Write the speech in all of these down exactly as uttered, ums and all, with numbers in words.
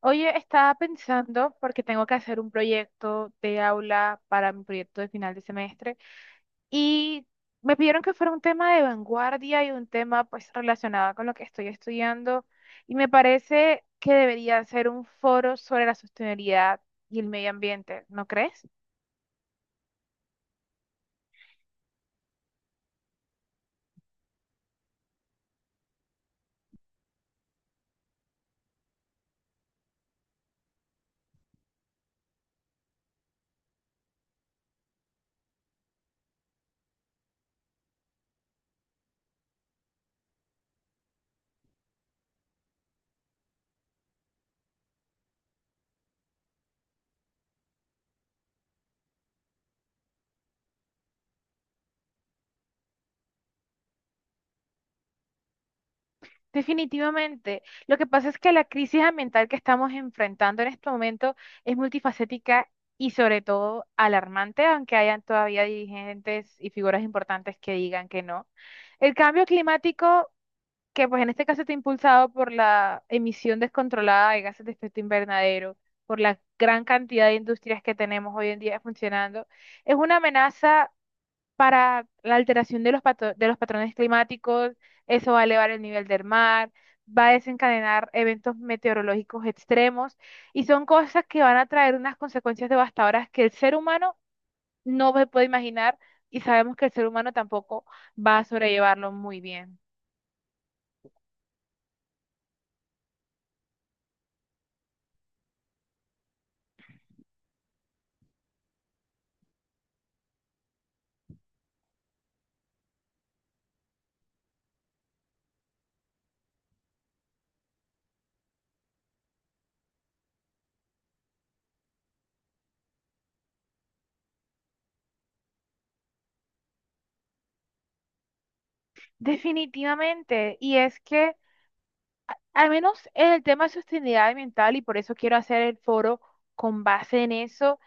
Oye, estaba pensando, porque tengo que hacer un proyecto de aula para mi proyecto de final de semestre, y me pidieron que fuera un tema de vanguardia y un tema pues relacionado con lo que estoy estudiando, y me parece que debería ser un foro sobre la sostenibilidad y el medio ambiente, ¿no crees? Definitivamente. Lo que pasa es que la crisis ambiental que estamos enfrentando en este momento es multifacética y sobre todo alarmante, aunque hayan todavía dirigentes y figuras importantes que digan que no. El cambio climático, que pues en este caso está impulsado por la emisión descontrolada de gases de efecto invernadero, por la gran cantidad de industrias que tenemos hoy en día funcionando, es una amenaza para la alteración de los, pato- de los patrones climáticos, eso va a elevar el nivel del mar, va a desencadenar eventos meteorológicos extremos y son cosas que van a traer unas consecuencias devastadoras que el ser humano no se puede imaginar y sabemos que el ser humano tampoco va a sobrellevarlo muy bien. Definitivamente, y es que al menos el tema de sostenibilidad ambiental, y por eso quiero hacer el foro con base en eso,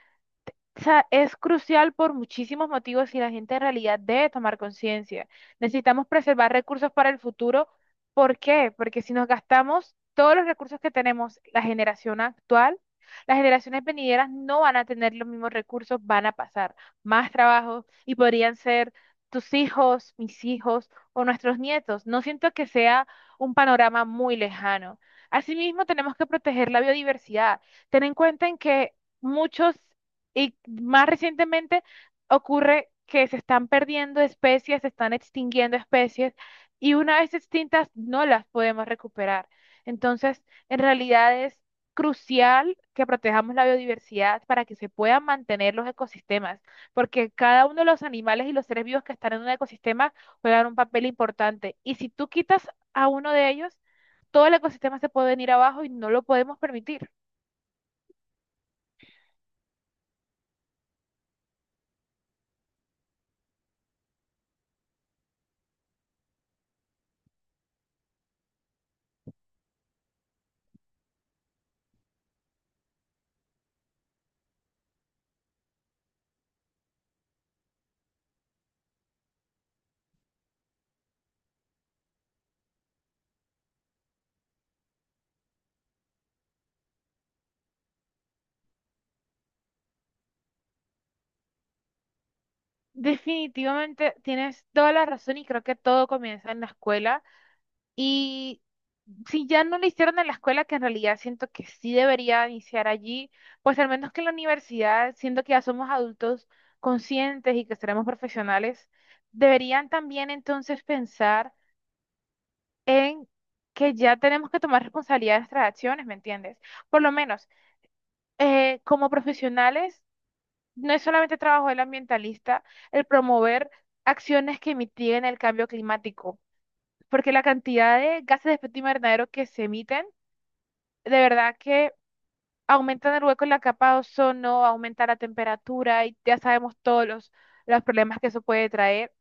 o sea, es crucial por muchísimos motivos y la gente en realidad debe tomar conciencia. Necesitamos preservar recursos para el futuro. ¿Por qué? Porque si nos gastamos todos los recursos que tenemos, la generación actual, las generaciones venideras no van a tener los mismos recursos, van a pasar más trabajo y podrían ser tus hijos, mis hijos o nuestros nietos. No siento que sea un panorama muy lejano. Asimismo, tenemos que proteger la biodiversidad. Ten en cuenta en que muchos y más recientemente ocurre que se están perdiendo especies, se están extinguiendo especies y una vez extintas no las podemos recuperar. Entonces, en realidad es crucial que protejamos la biodiversidad para que se puedan mantener los ecosistemas, porque cada uno de los animales y los seres vivos que están en un ecosistema juegan un papel importante. Y si tú quitas a uno de ellos, todo el ecosistema se puede venir abajo y no lo podemos permitir. Definitivamente tienes toda la razón y creo que todo comienza en la escuela. Y si ya no lo hicieron en la escuela, que en realidad siento que sí debería iniciar allí, pues al menos que en la universidad, siento que ya somos adultos conscientes y que seremos profesionales, deberían también entonces pensar en que ya tenemos que tomar responsabilidad de nuestras acciones, ¿me entiendes? Por lo menos, eh, como profesionales. No es solamente trabajo del ambientalista el promover acciones que mitiguen el cambio climático, porque la cantidad de gases de efecto invernadero que se emiten, de verdad que aumentan el hueco en la capa de ozono, aumenta la temperatura y ya sabemos todos los, los problemas que eso puede traer.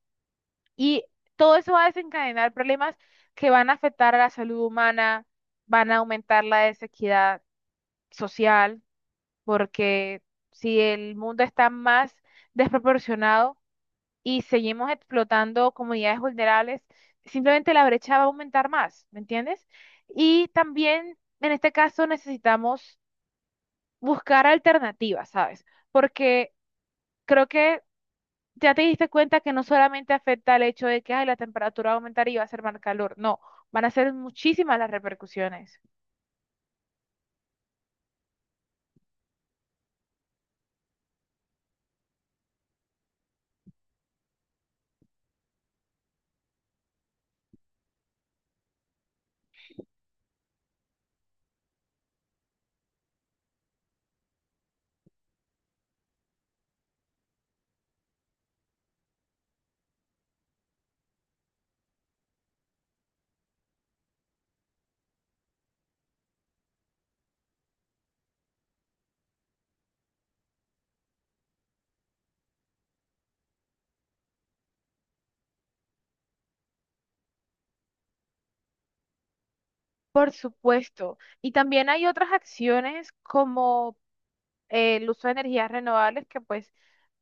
Y todo eso va a desencadenar problemas que van a afectar a la salud humana, van a aumentar la desequidad social, porque si el mundo está más desproporcionado, y seguimos explotando comunidades vulnerables, simplemente la brecha va a aumentar más, ¿me entiendes? Y también en este caso necesitamos buscar alternativas, ¿sabes? Porque creo que ya te diste cuenta que no solamente afecta el hecho de que ay, la temperatura va a aumentar y va a ser más calor, no, van a ser muchísimas las repercusiones. Por supuesto. Y también hay otras acciones como eh, el uso de energías renovables que pues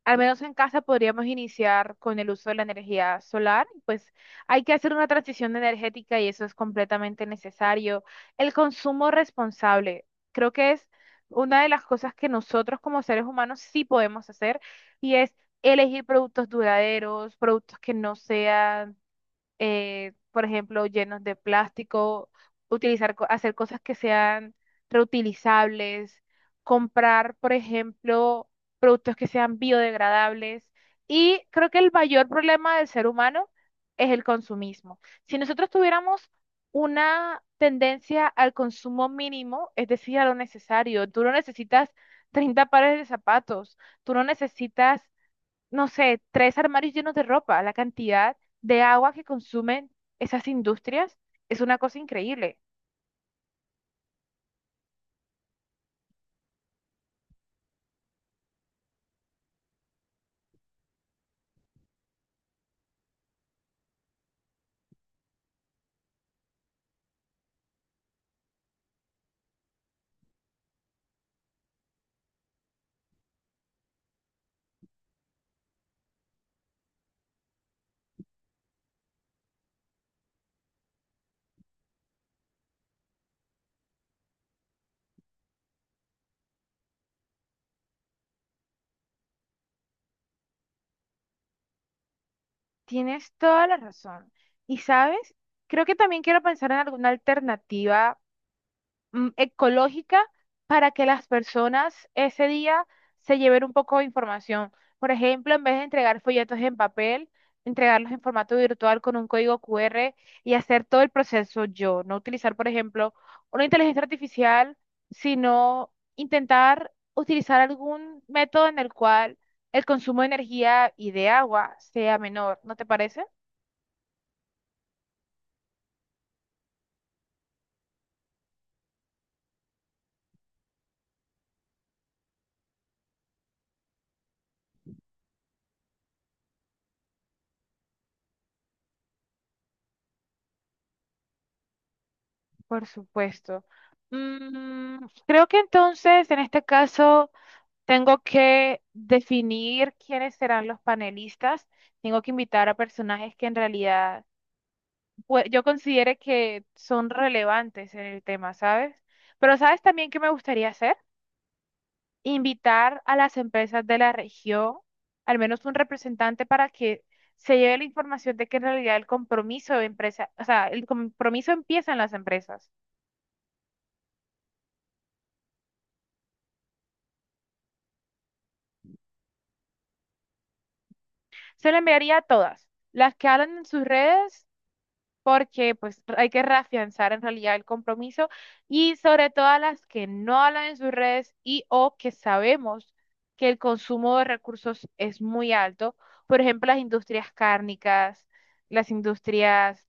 al menos en casa podríamos iniciar con el uso de la energía solar, pues hay que hacer una transición energética y eso es completamente necesario. El consumo responsable, creo que es una de las cosas que nosotros como seres humanos sí podemos hacer y es elegir productos duraderos, productos que no sean eh, por ejemplo, llenos de plástico, utilizar, co- hacer cosas que sean reutilizables, comprar, por ejemplo, productos que sean biodegradables. Y creo que el mayor problema del ser humano es el consumismo. Si nosotros tuviéramos una tendencia al consumo mínimo, es decir, a lo necesario, tú no necesitas treinta pares de zapatos, tú no necesitas no sé, tres armarios llenos de ropa. La cantidad de agua que consumen esas industrias es una cosa increíble. Tienes toda la razón. Y sabes, creo que también quiero pensar en alguna alternativa mm, ecológica para que las personas ese día se lleven un poco de información. Por ejemplo, en vez de entregar folletos en papel, entregarlos en formato virtual con un código Q R y hacer todo el proceso yo. No utilizar, por ejemplo, una inteligencia artificial, sino intentar utilizar algún método en el cual el consumo de energía y de agua sea menor. ¿No te parece? Por supuesto. Mm, creo que entonces, en este caso. Tengo que definir quiénes serán los panelistas. Tengo que invitar a personajes que en realidad pues, yo considere que son relevantes en el tema, ¿sabes? Pero ¿sabes también qué me gustaría hacer? Invitar a las empresas de la región, al menos un representante para que se lleve la información de que en realidad el compromiso de empresa, o sea, el compromiso empieza en las empresas. Se lo enviaría a todas, las que hablan en sus redes porque pues hay que reafianzar en realidad el compromiso y sobre todo a las que no hablan en sus redes y o que sabemos que el consumo de recursos es muy alto, por ejemplo, las industrias cárnicas, las industrias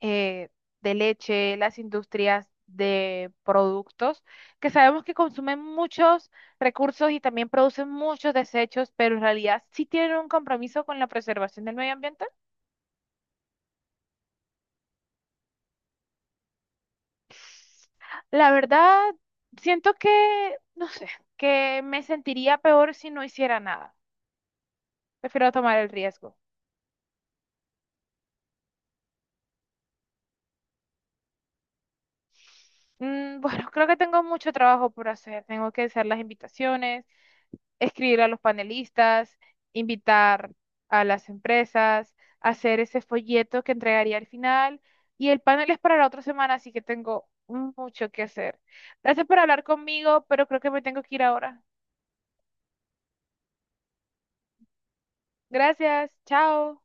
eh, de leche, las industrias de productos, que sabemos que consumen muchos recursos y también producen muchos desechos, pero en realidad sí tienen un compromiso con la preservación del medio ambiente. La verdad, siento que, no sé, que me sentiría peor si no hiciera nada. Prefiero tomar el riesgo. Mm, bueno, creo que tengo mucho trabajo por hacer. Tengo que hacer las invitaciones, escribir a los panelistas, invitar a las empresas, hacer ese folleto que entregaría al final. Y el panel es para la otra semana, así que tengo mucho que hacer. Gracias por hablar conmigo, pero creo que me tengo que ir ahora. Gracias, chao.